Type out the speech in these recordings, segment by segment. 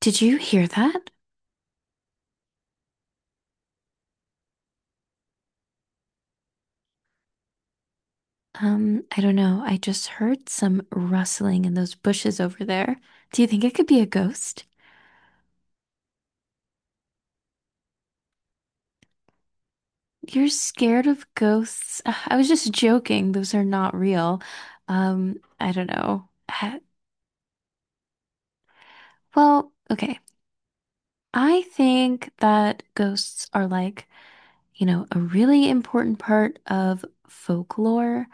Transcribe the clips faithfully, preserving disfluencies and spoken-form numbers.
Did you hear that? Um, I don't know. I just heard some rustling in those bushes over there. Do you think it could be a ghost? You're scared of ghosts. Ugh, I was just joking. Those are not real. Um, I don't know. Ha- Well, okay. I think that ghosts are like, you know, a really important part of folklore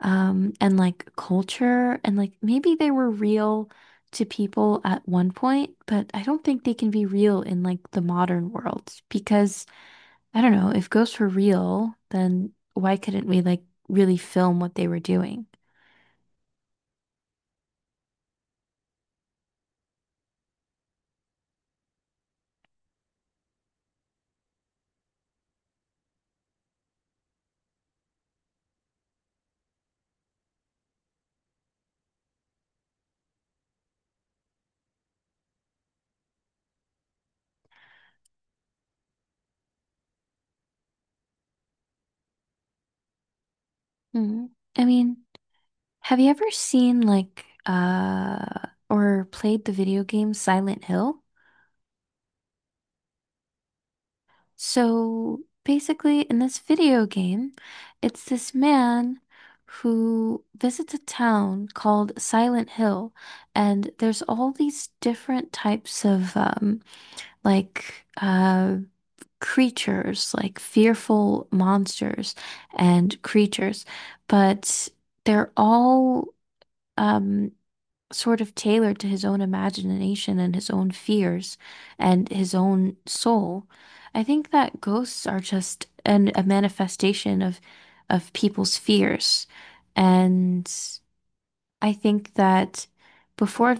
um, and like culture, and like maybe they were real to people at one point, but I don't think they can be real in like the modern world because I don't know, if ghosts were real, then why couldn't we like really film what they were doing? Mhm. I mean, have you ever seen like uh or played the video game Silent Hill? So basically, in this video game, it's this man who visits a town called Silent Hill, and there's all these different types of um, like uh, creatures, like fearful monsters and creatures, but they're all um, sort of tailored to his own imagination and his own fears and his own soul. I think that ghosts are just an, a manifestation of of people's fears. And I think that before.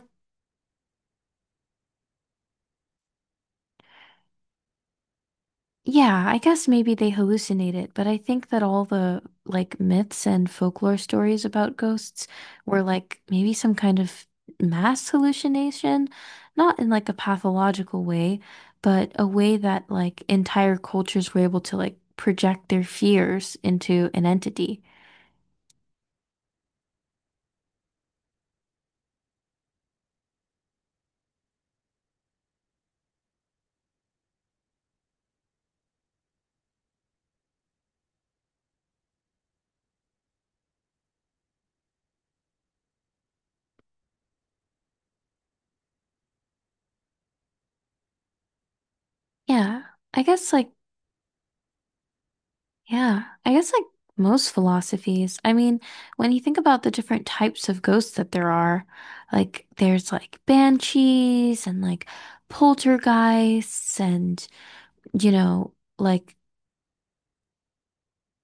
Yeah, I guess maybe they hallucinate it, but I think that all the like myths and folklore stories about ghosts were like maybe some kind of mass hallucination, not in like a pathological way, but a way that like entire cultures were able to like project their fears into an entity. Yeah, I guess like Yeah, I guess like most philosophies. I mean, when you think about the different types of ghosts that there are, like there's like banshees and like poltergeists and you know, like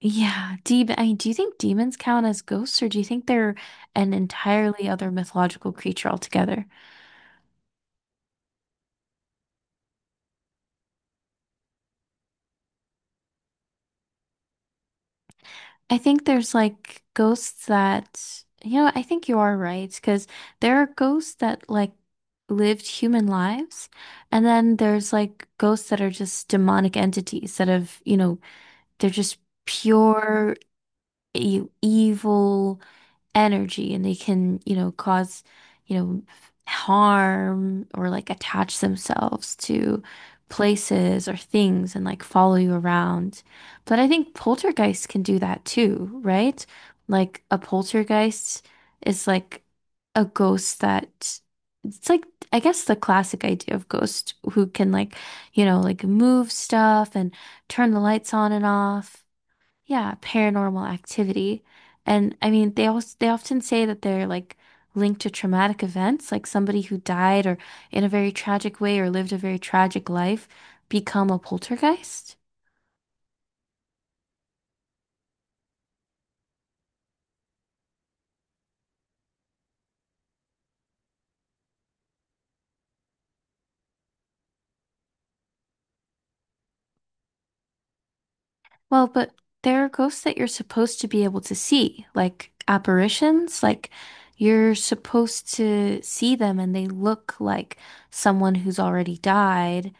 yeah, demon. I mean, do you think demons count as ghosts or do you think they're an entirely other mythological creature altogether? I think there's like ghosts that, you know, I think you are right because there are ghosts that like lived human lives, and then there's like ghosts that are just demonic entities that have, you know, they're just pure e evil energy and they can, you know, cause, you know, harm or like attach themselves to places or things and like follow you around. But I think poltergeists can do that too, right? Like a poltergeist is like a ghost that it's like I guess the classic idea of ghost who can like, you know, like move stuff and turn the lights on and off. Yeah, paranormal activity. And I mean, they also they often say that they're like linked to traumatic events, like somebody who died or in a very tragic way or lived a very tragic life become a poltergeist. Well, but there are ghosts that you're supposed to be able to see, like apparitions, like you're supposed to see them and they look like someone who's already died,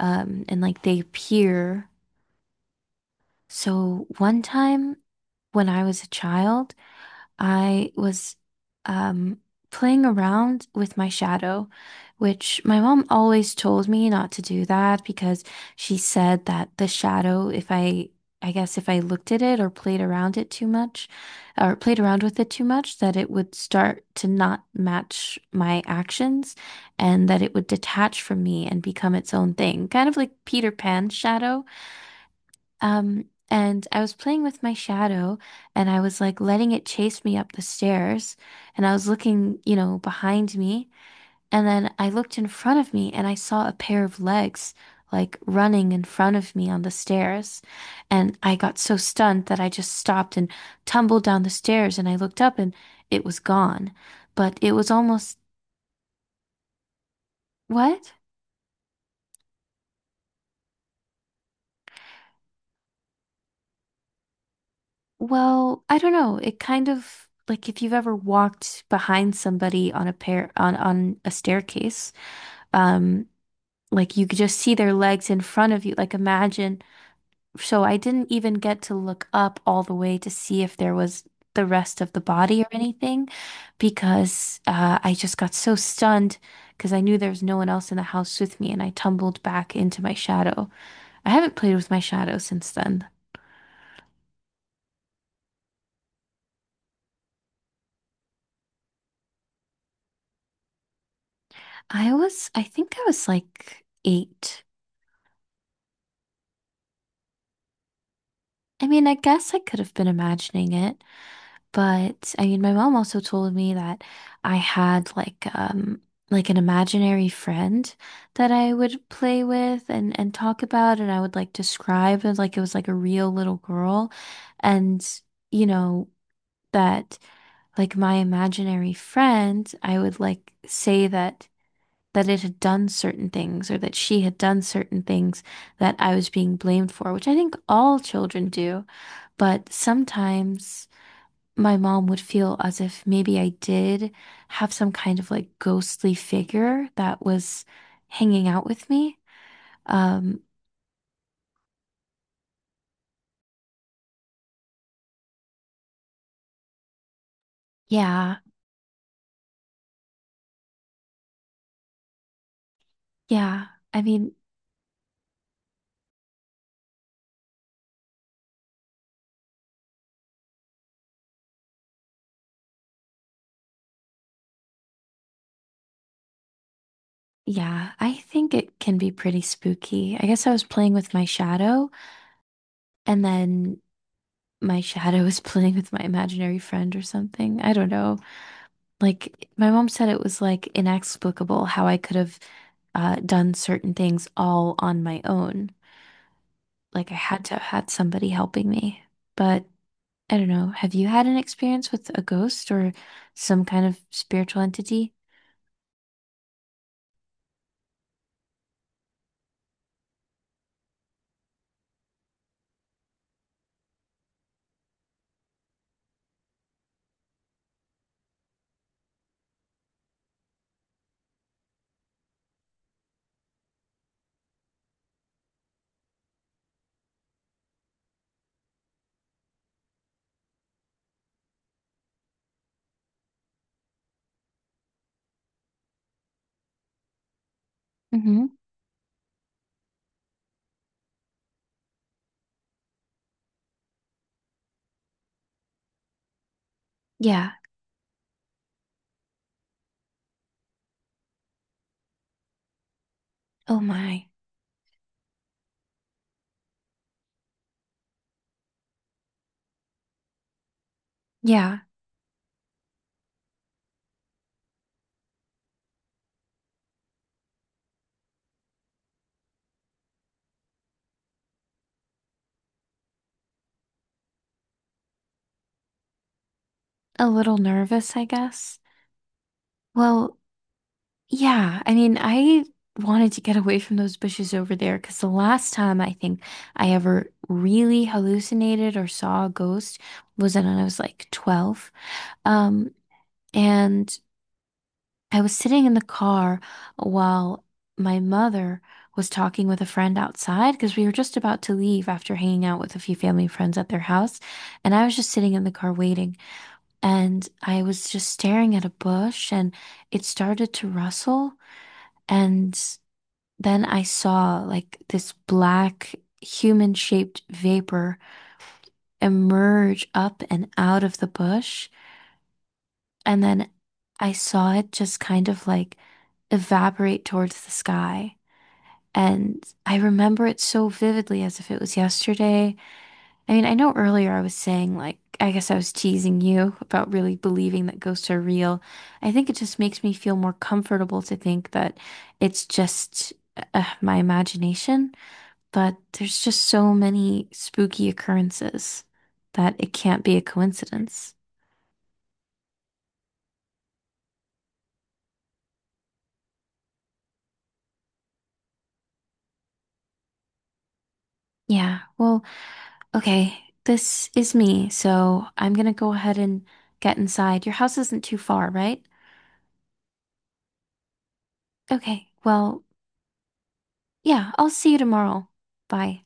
um, and like they appear. So one time when I was a child, I was um, playing around with my shadow, which my mom always told me not to do that because she said that the shadow, if I, I guess if I looked at it or played around it too much, or played around with it too much, that it would start to not match my actions and that it would detach from me and become its own thing, kind of like Peter Pan's shadow. Um, and I was playing with my shadow and I was like letting it chase me up the stairs. And I was looking, you know, behind me. And then I looked in front of me and I saw a pair of legs like running in front of me on the stairs. And I got so stunned that I just stopped and tumbled down the stairs. And I looked up and it was gone. But it was almost, what? Well, I don't know. It kind of like if you've ever walked behind somebody on a pair on on a staircase, um, like you could just see their legs in front of you. Like imagine. So I didn't even get to look up all the way to see if there was the rest of the body or anything because uh, I just got so stunned because I knew there was no one else in the house with me and I tumbled back into my shadow. I haven't played with my shadow since then. I was, I think I was like eight. I mean, I guess I could have been imagining it, but I mean, my mom also told me that I had like um like an imaginary friend that I would play with and and talk about and I would like describe it like it was like a real little girl and you know that like my imaginary friend, I would like say that that it had done certain things or that she had done certain things that I was being blamed for, which I think all children do. But sometimes my mom would feel as if maybe I did have some kind of like ghostly figure that was hanging out with me. Um, yeah, yeah. I mean, yeah, I think it can be pretty spooky. I guess I was playing with my shadow and then my shadow was playing with my imaginary friend or something. I don't know. Like my mom said it was like inexplicable how I could have uh, done certain things all on my own. Like I had to have had somebody helping me. But I don't know. Have you had an experience with a ghost or some kind of spiritual entity? Mm-hmm. Yeah. Oh my. Yeah. A little nervous, I guess. Well, yeah. I mean, I wanted to get away from those bushes over there because the last time I think I ever really hallucinated or saw a ghost was when I was like twelve. Um, and I was sitting in the car while my mother was talking with a friend outside because we were just about to leave after hanging out with a few family friends at their house. And I was just sitting in the car waiting. And I was just staring at a bush and it started to rustle. And then I saw like this black human-shaped vapor emerge up and out of the bush. And then I saw it just kind of like evaporate towards the sky. And I remember it so vividly as if it was yesterday. I mean, I know earlier I was saying, like, I guess I was teasing you about really believing that ghosts are real. I think it just makes me feel more comfortable to think that it's just uh, my imagination. But there's just so many spooky occurrences that it can't be a coincidence. Yeah, well. Okay, this is me, so I'm gonna go ahead and get inside. Your house isn't too far, right? Okay, well, yeah, I'll see you tomorrow. Bye.